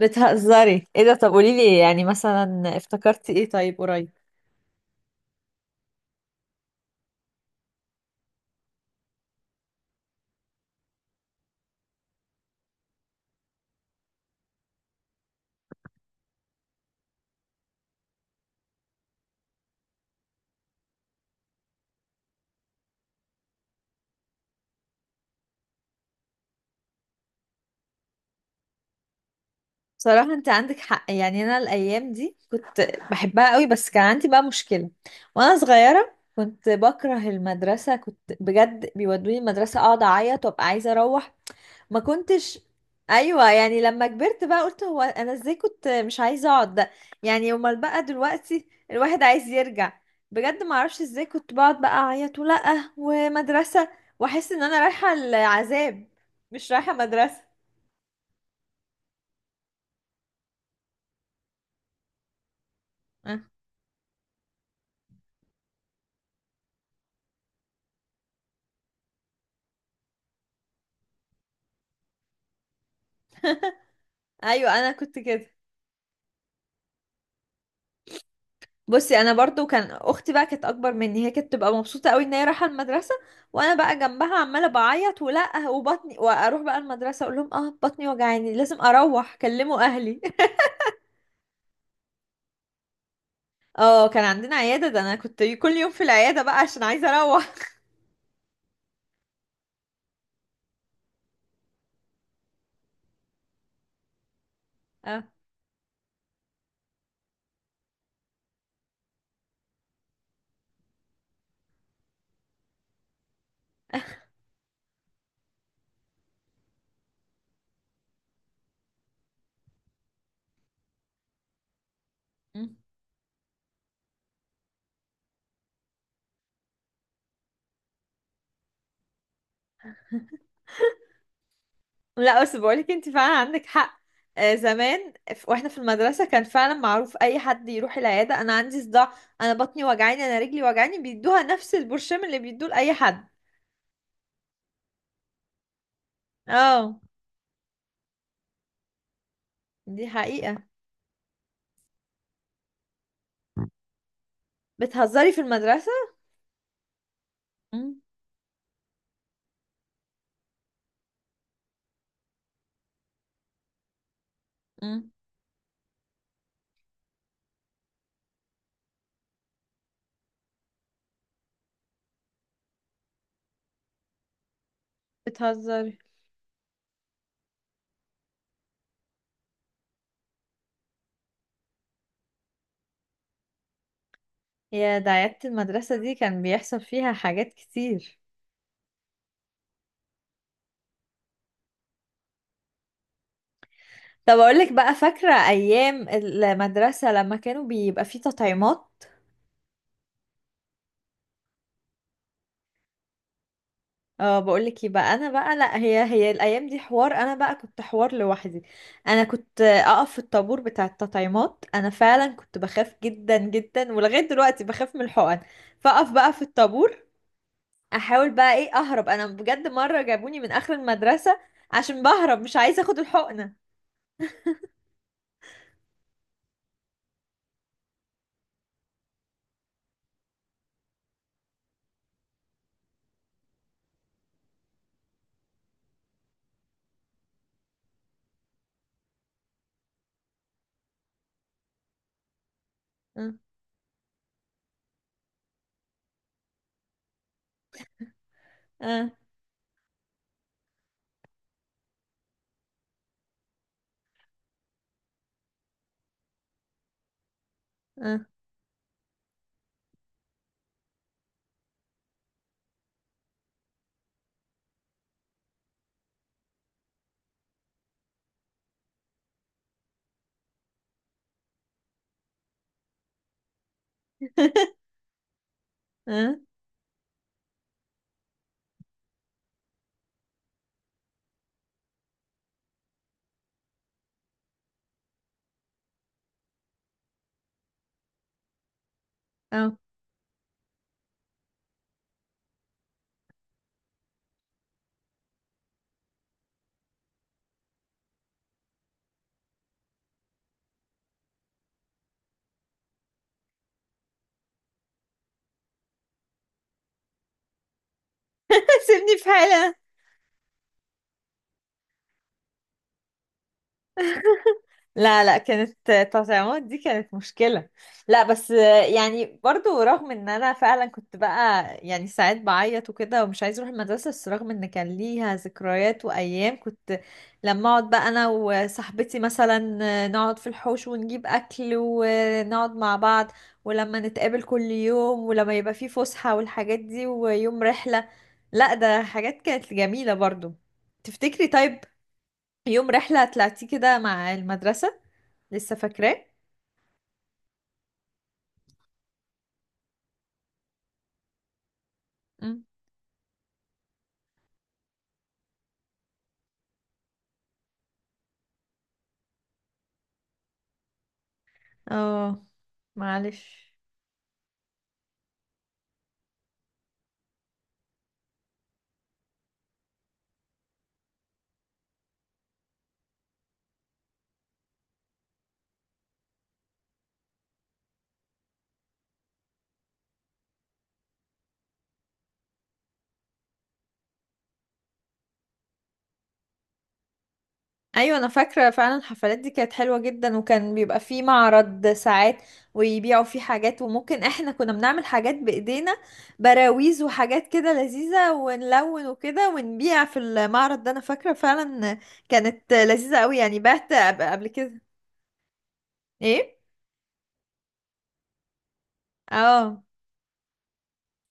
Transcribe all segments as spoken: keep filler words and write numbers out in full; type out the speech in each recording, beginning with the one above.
بتهزري؟ ايه ده؟ طب قولي لي يعني مثلا افتكرتي ايه طيب قريب؟ بصراحة انت عندك حق. يعني انا الايام دي كنت بحبها قوي، بس كان عندي بقى مشكلة. وانا صغيرة كنت بكره المدرسة، كنت بجد بيودوني المدرسة اقعد اعيط وابقى عايزة اروح. ما كنتش. ايوه، يعني لما كبرت بقى قلت هو انا ازاي كنت مش عايزه اقعد ده؟ يعني امال بقى دلوقتي الواحد عايز يرجع. بجد ما اعرفش ازاي كنت بقعد بقى اعيط ولا ومدرسه، واحس ان انا رايحه العذاب مش رايحه مدرسه. أه. ايوه انا كنت كده. بصي، انا برضو كان اختي بقى كانت اكبر مني، هي كانت تبقى مبسوطه قوي ان هي رايحه المدرسه، وانا بقى جنبها عماله بعيط ولا وبطني، واروح بقى المدرسه اقول لهم اه بطني وجعاني، لازم اروح كلموا اهلي. اه كان عندنا عيادة، ده انا كنت كل يوم في العيادة بقى عشان عايزة اروح. اه. مم. لا بس بقولك انت فعلا عندك حق. آه زمان ف- واحنا في المدرسة كان فعلا معروف اي حد يروح العيادة انا عندي صداع، انا بطني وجعاني، انا رجلي وجعاني، بيدوها نفس البرشام اللي بيدوه لأي حد. اه دي حقيقة. بتهزري؟ في المدرسة؟ مم. مم. بتهزري؟ يا ده عيادة المدرسة دي كان بيحصل فيها حاجات كتير. طب اقول لك بقى، فاكره ايام المدرسه لما كانوا بيبقى فيه تطعيمات؟ اه بقول لك، يبقى انا بقى لا، هي هي الايام دي حوار، انا بقى كنت حوار لوحدي. انا كنت اقف في الطابور بتاع التطعيمات، انا فعلا كنت بخاف جدا جدا، ولغايه دلوقتي بخاف من الحقن. فاقف بقى في الطابور، احاول بقى ايه اهرب. انا بجد مره جابوني من اخر المدرسه عشان بهرب مش عايزه اخد الحقنه. اه. اه. اه. اه. اه. سيبني في حالي. لا لا، كانت تطعيمات دي كانت مشكلة. لا بس يعني برضو رغم ان انا فعلا كنت بقى يعني ساعات بعيط وكده ومش عايز اروح المدرسة، بس رغم ان كان ليها ذكريات وايام كنت لما اقعد بقى انا وصاحبتي مثلا نقعد في الحوش ونجيب اكل ونقعد مع بعض، ولما نتقابل كل يوم، ولما يبقى في فسحة والحاجات دي، ويوم رحلة. لا ده حاجات كانت جميلة برضو. تفتكري طيب يوم رحلة طلعتيه كده مع المدرسة؟ لسه فاكراه؟ مم. اه. معلش. ايوه انا فاكره فعلا الحفلات دي كانت حلوه جدا، وكان بيبقى فيه معرض ساعات ويبيعوا فيه حاجات، وممكن احنا كنا بنعمل حاجات بايدينا، براويز وحاجات كده لذيذه، ونلون وكده ونبيع في المعرض ده، انا فاكره فعلا. كانت لذيذه قوي يعني، بعت قبل قبل كده. ايه؟ اه.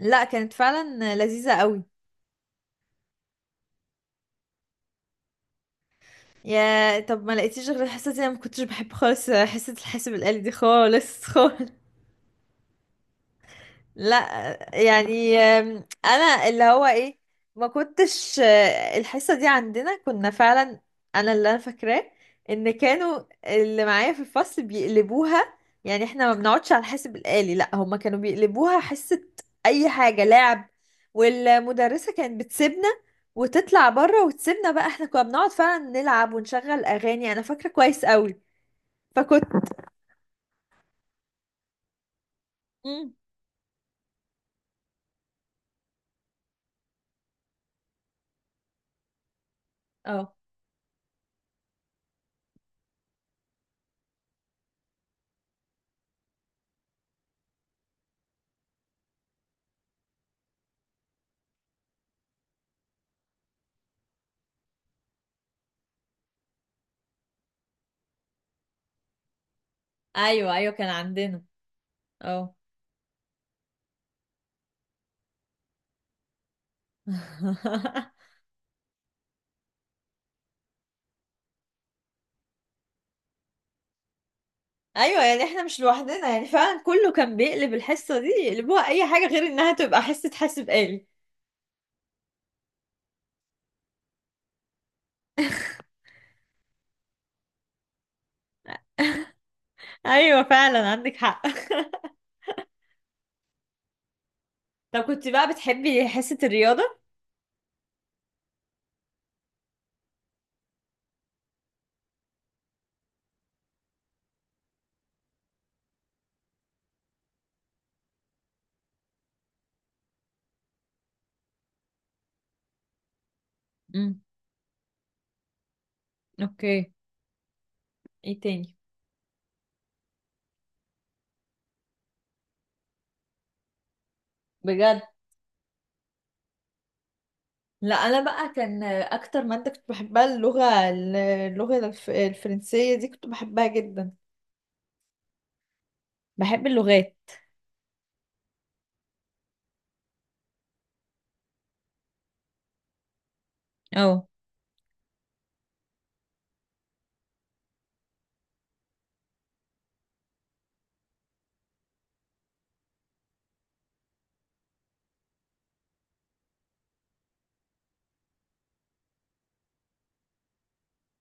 لا كانت فعلا لذيذه قوي. يا طب ما لقيتيش غير الحصة دي، انا ما كنتش بحب خالص حصة الحاسب الآلي دي خالص. خالص. لا يعني أم، انا اللي هو ايه، ما كنتش أه، الحصة دي عندنا كنا فعلا، انا اللي انا فاكراه ان كانوا اللي معايا في الفصل بيقلبوها. يعني احنا ما بنقعدش على الحاسب الآلي، لا هما كانوا بيقلبوها حصة اي حاجة لعب، والمدرسة كانت بتسيبنا وتطلع بره وتسيبنا بقى، احنا كنا بنقعد فعلا نلعب ونشغل اغاني، انا فاكره كويس قوي. فكنت. مم. اه. ايوه ايوه كان عندنا. اه. ايوه يعني احنا مش لوحدنا، يعني فعلا كله كان بيقلب الحصه دي، يقلبوها اي حاجه غير انها تبقى حصه حاسب آلي. ايوه فعلا عندك حق. طب كنت بقى بتحبي حصه الرياضه؟ امم. اوكي. ايه تاني؟ بجد؟ لا انا بقى كان اكتر ماده كنت بحبها اللغه، اللغه الف- الفرنسيه دي كنت بحبها جدا. بحب اللغات. اه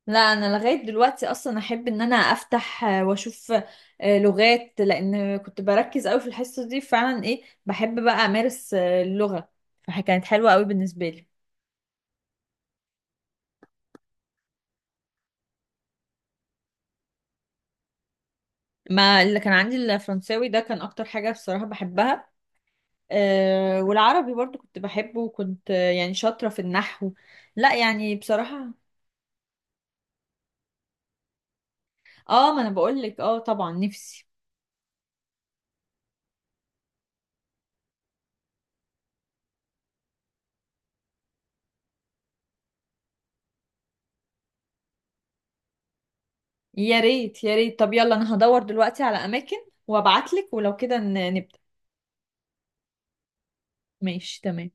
لا انا لغايه دلوقتي اصلا احب ان انا افتح آه، واشوف آه، لغات، لان كنت بركز قوي في الحصه دي فعلا، ايه بحب بقى امارس آه، اللغه، فكانت حلوه قوي بالنسبه لي. ما اللي كان عندي الفرنساوي ده كان اكتر حاجه بصراحه بحبها. آه، والعربي برضو كنت بحبه، وكنت آه، يعني شاطره في النحو. لا يعني بصراحه. اه ما انا بقول لك اه طبعا نفسي. يا ريت يا ريت. طب يلا انا هدور دلوقتي على اماكن وابعت لك، ولو كده ن- نبدا. ماشي تمام.